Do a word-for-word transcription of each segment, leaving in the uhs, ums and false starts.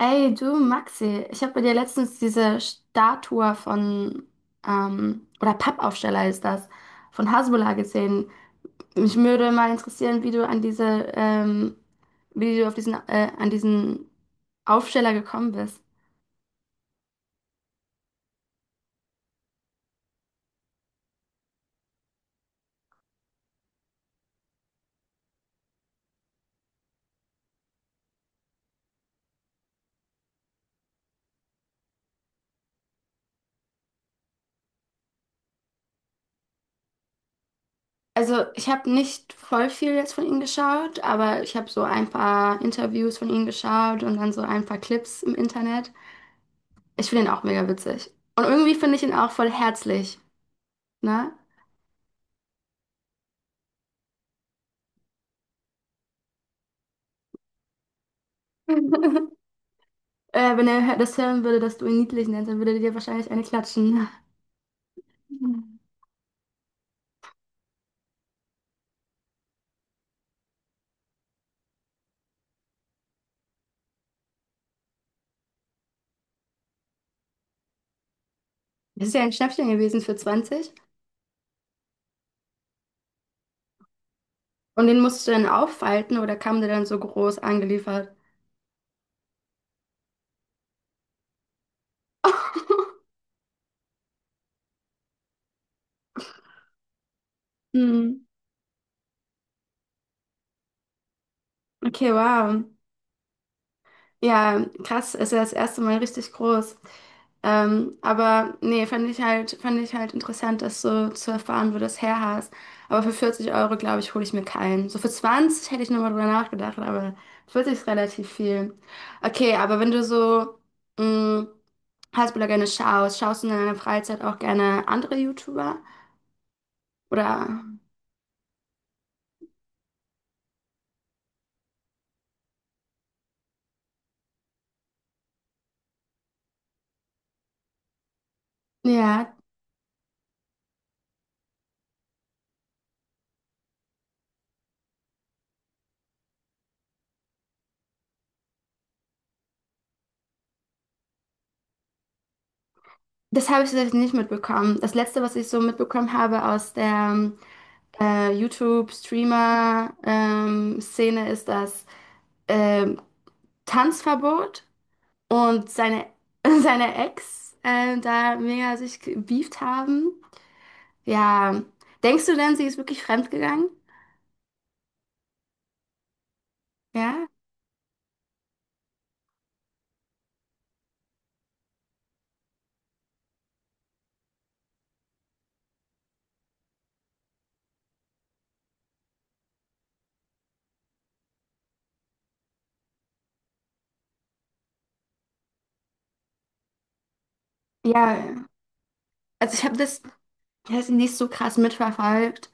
Ey, du Maxi, ich habe bei dir letztens diese Statue von, ähm, oder Pappaufsteller ist das, von Hasbulla gesehen. Mich würde mal interessieren, wie du an diese, ähm, wie du auf diesen, äh, an diesen Aufsteller gekommen bist. Also, ich habe nicht voll viel jetzt von ihm geschaut, aber ich habe so ein paar Interviews von ihm geschaut und dann so ein paar Clips im Internet. Ich finde ihn auch mega witzig. Und irgendwie finde ich ihn auch voll herzlich, ne? Äh, wenn er hö- das hören würde, dass du ihn niedlich nennst, dann würde er dir wahrscheinlich eine klatschen. Das ist ja ein Schnäppchen gewesen für zwanzig. Und den musst du dann auffalten oder kam der dann so groß angeliefert? Hm. Okay, wow. Ja, krass, ist ja das erste Mal richtig groß. Ähm, aber nee, fand ich halt, fand ich halt interessant, das so zu erfahren, wo das her hast. Aber für vierzig Euro, glaube ich, hole ich mir keinen. So für zwanzig hätte ich nochmal drüber nachgedacht, aber vierzig ist relativ viel. Okay, aber wenn du so mh, Hasbulla gerne schaust, schaust du in deiner Freizeit auch gerne andere YouTuber? Oder. Ja, das habe ich tatsächlich nicht mitbekommen. Das Letzte, was ich so mitbekommen habe aus der äh, YouTube-Streamer-Szene ist das ähm, Tanzverbot und seine, seine Ex äh, da mega sich gebieft haben. Ja, denkst du denn, sie ist wirklich fremdgegangen? Ja? Ja, also ich habe das, ich das nicht so krass mitverfolgt.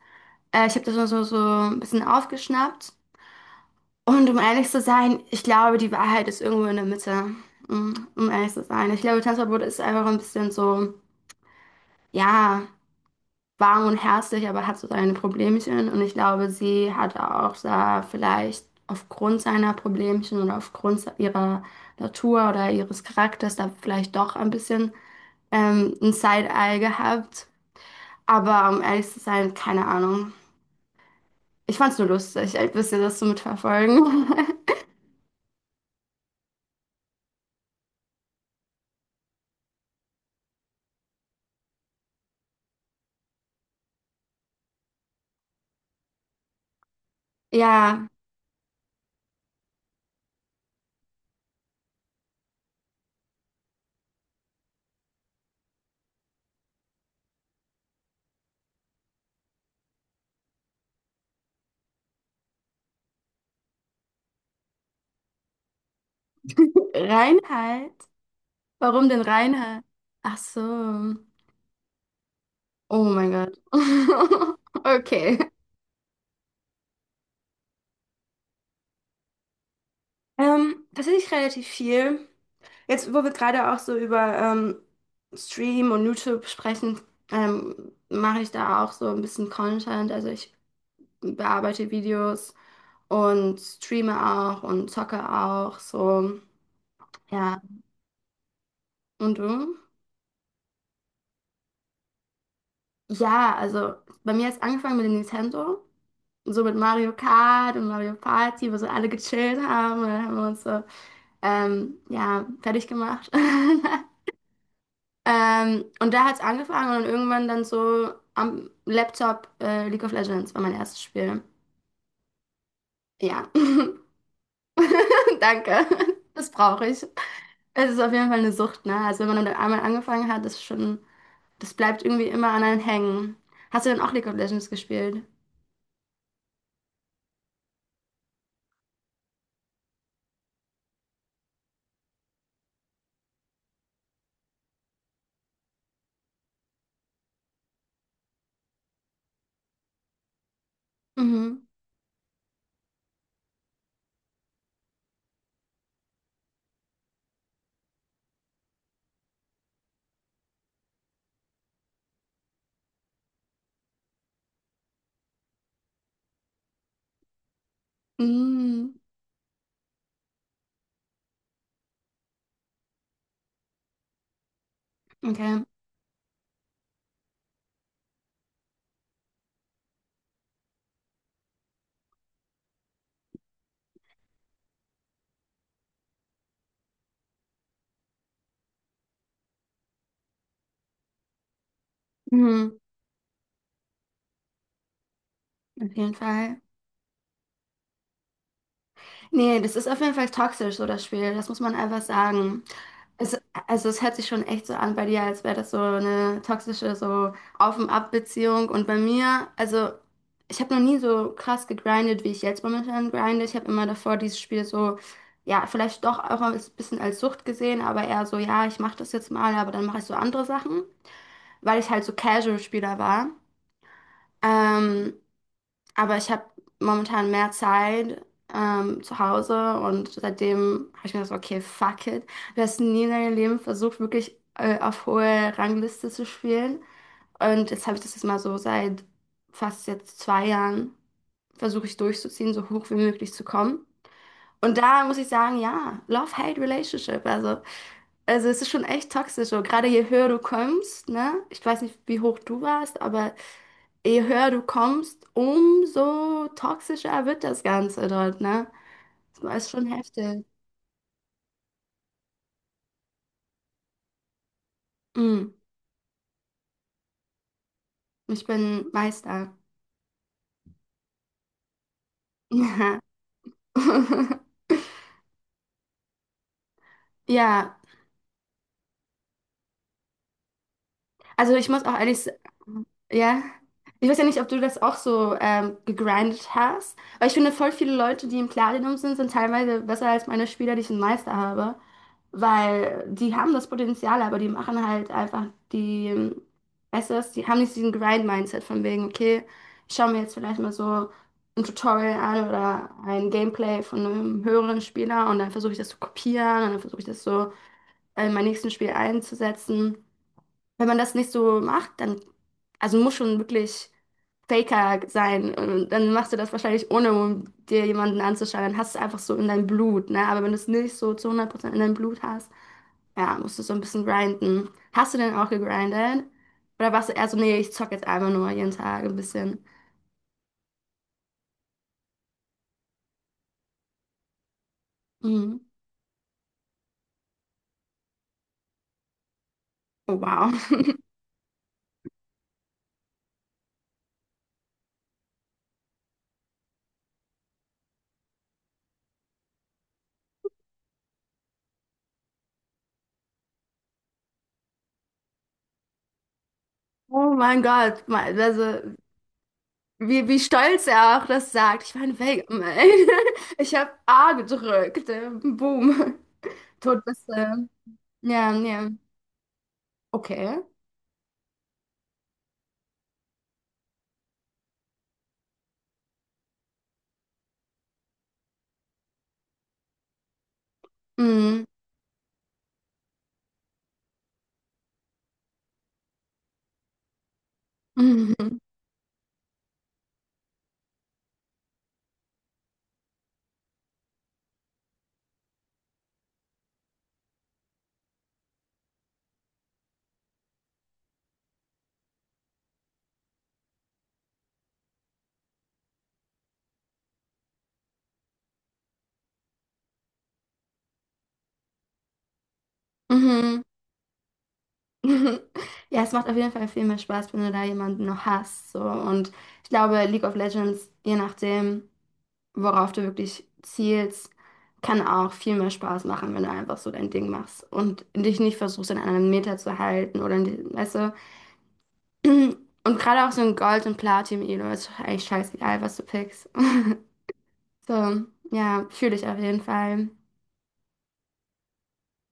Äh, ich habe das nur so, so ein bisschen aufgeschnappt. Und um ehrlich zu sein, ich glaube, die Wahrheit ist irgendwo in der Mitte. Mm, Um ehrlich zu sein. Ich glaube, Tanzverbot ist einfach ein bisschen so, ja, warm und herzlich, aber hat so seine Problemchen. Und ich glaube, sie hat auch da vielleicht aufgrund seiner Problemchen oder aufgrund se- ihrer Natur oder ihres Charakters da vielleicht doch ein bisschen ähm, ein Side-Eye gehabt. Aber um ehrlich zu sein, keine Ahnung. Ich fand's nur lustig, ein bisschen das zu mitverfolgen. Ja, Reinheit. Warum denn Reinheit? Ach so. Oh mein Gott. Okay. Ähm, tatsächlich relativ viel. Jetzt, wo wir gerade auch so über ähm, Stream und YouTube sprechen, ähm, mache ich da auch so ein bisschen Content. Also ich bearbeite Videos und streame auch und zocke auch so. Ja. Und du? Ja, also bei mir hat's angefangen mit dem Nintendo. So mit Mario Kart und Mario Party, wo so alle gechillt haben. Und dann haben wir uns so, ähm, ja, fertig gemacht. Ähm, und da hat's angefangen und irgendwann dann so am Laptop äh, League of Legends war mein erstes Spiel. Ja, danke. Das brauche ich. Es ist auf jeden Fall eine Sucht, ne? Also wenn man dann einmal angefangen hat, ist schon, das bleibt irgendwie immer an einem hängen. Hast du denn auch League of Legends gespielt? Mhm. Mhm. Okay. Mhm. Auf jeden Fall. Nee, das ist auf jeden Fall toxisch, so das Spiel. Das muss man einfach sagen. Es, also es hört sich schon echt so an bei dir, als wäre das so eine toxische, so auf und ab Beziehung. Und bei mir, also ich habe noch nie so krass gegrindet, wie ich jetzt momentan grinde. Ich habe immer davor dieses Spiel so, ja, vielleicht doch auch ein bisschen als Sucht gesehen, aber eher so, ja, ich mache das jetzt mal, aber dann mache ich so andere Sachen, weil ich halt so Casual-Spieler war. Ähm, aber ich habe momentan mehr Zeit ähm, zu Hause und seitdem habe ich mir gesagt, okay, fuck it. Du hast nie in deinem Leben versucht, wirklich äh, auf hohe Rangliste zu spielen. Und jetzt habe ich das jetzt mal so seit fast jetzt zwei Jahren versuche ich durchzuziehen, so hoch wie möglich zu kommen. Und da muss ich sagen, ja, Love-Hate-Relationship. Also also es ist schon echt toxisch, so gerade je höher du kommst, ne? Ich weiß nicht, wie hoch du warst, aber je höher du kommst, umso toxischer wird das Ganze dort, ne? Das war- ist schon heftig. Mm, Ich bin Meister. Ja. Also ich muss auch ehrlich sagen, ja, ich weiß ja nicht, ob du das auch so ähm, gegrindet hast, weil ich finde, voll viele Leute, die im Platinum sind, sind teilweise besser als meine Spieler, die ich im Meister habe, weil die haben das Potenzial, aber die machen halt einfach die, ähm, weißt du was, die haben nicht diesen Grind-Mindset von wegen, okay, ich schaue mir jetzt vielleicht mal so ein Tutorial an oder ein Gameplay von einem höheren Spieler und dann versuche ich das zu kopieren und dann versuche ich das so in mein nächstes Spiel einzusetzen. Wenn man das nicht so macht, dann, also muss schon wirklich Faker sein. Und dann machst du das wahrscheinlich ohne, um dir jemanden anzuschauen. Dann hast du es einfach so in deinem Blut, ne? Aber wenn du es nicht so zu hundert Prozent in deinem Blut hast, ja, musst du so ein bisschen grinden. Hast du denn auch gegrindet? Oder warst du eher so, nee, ich zock jetzt einfach nur jeden Tag ein bisschen? Mhm. Oh, wow. Oh mein Gott. Mal- Also, wie, wie stolz er auch das sagt. Ich war ein Weltmann. Ich habe A gedrückt. Boom. Todbisse. Ja, ja. Okay. Mhm. Mhm. Mhm. Ja, es macht auf jeden Fall viel mehr Spaß, wenn du da jemanden noch hast. So. Und ich glaube, League of Legends, je nachdem, worauf du wirklich zielst, kann auch viel mehr Spaß machen, wenn du einfach so dein Ding machst und dich nicht versuchst, in einem Meter zu halten oder in die, weißt du. Und gerade auch so ein Gold- und Platin-Elo ist eigentlich scheißegal, was du pickst. So, ja, fühle ich auf jeden Fall.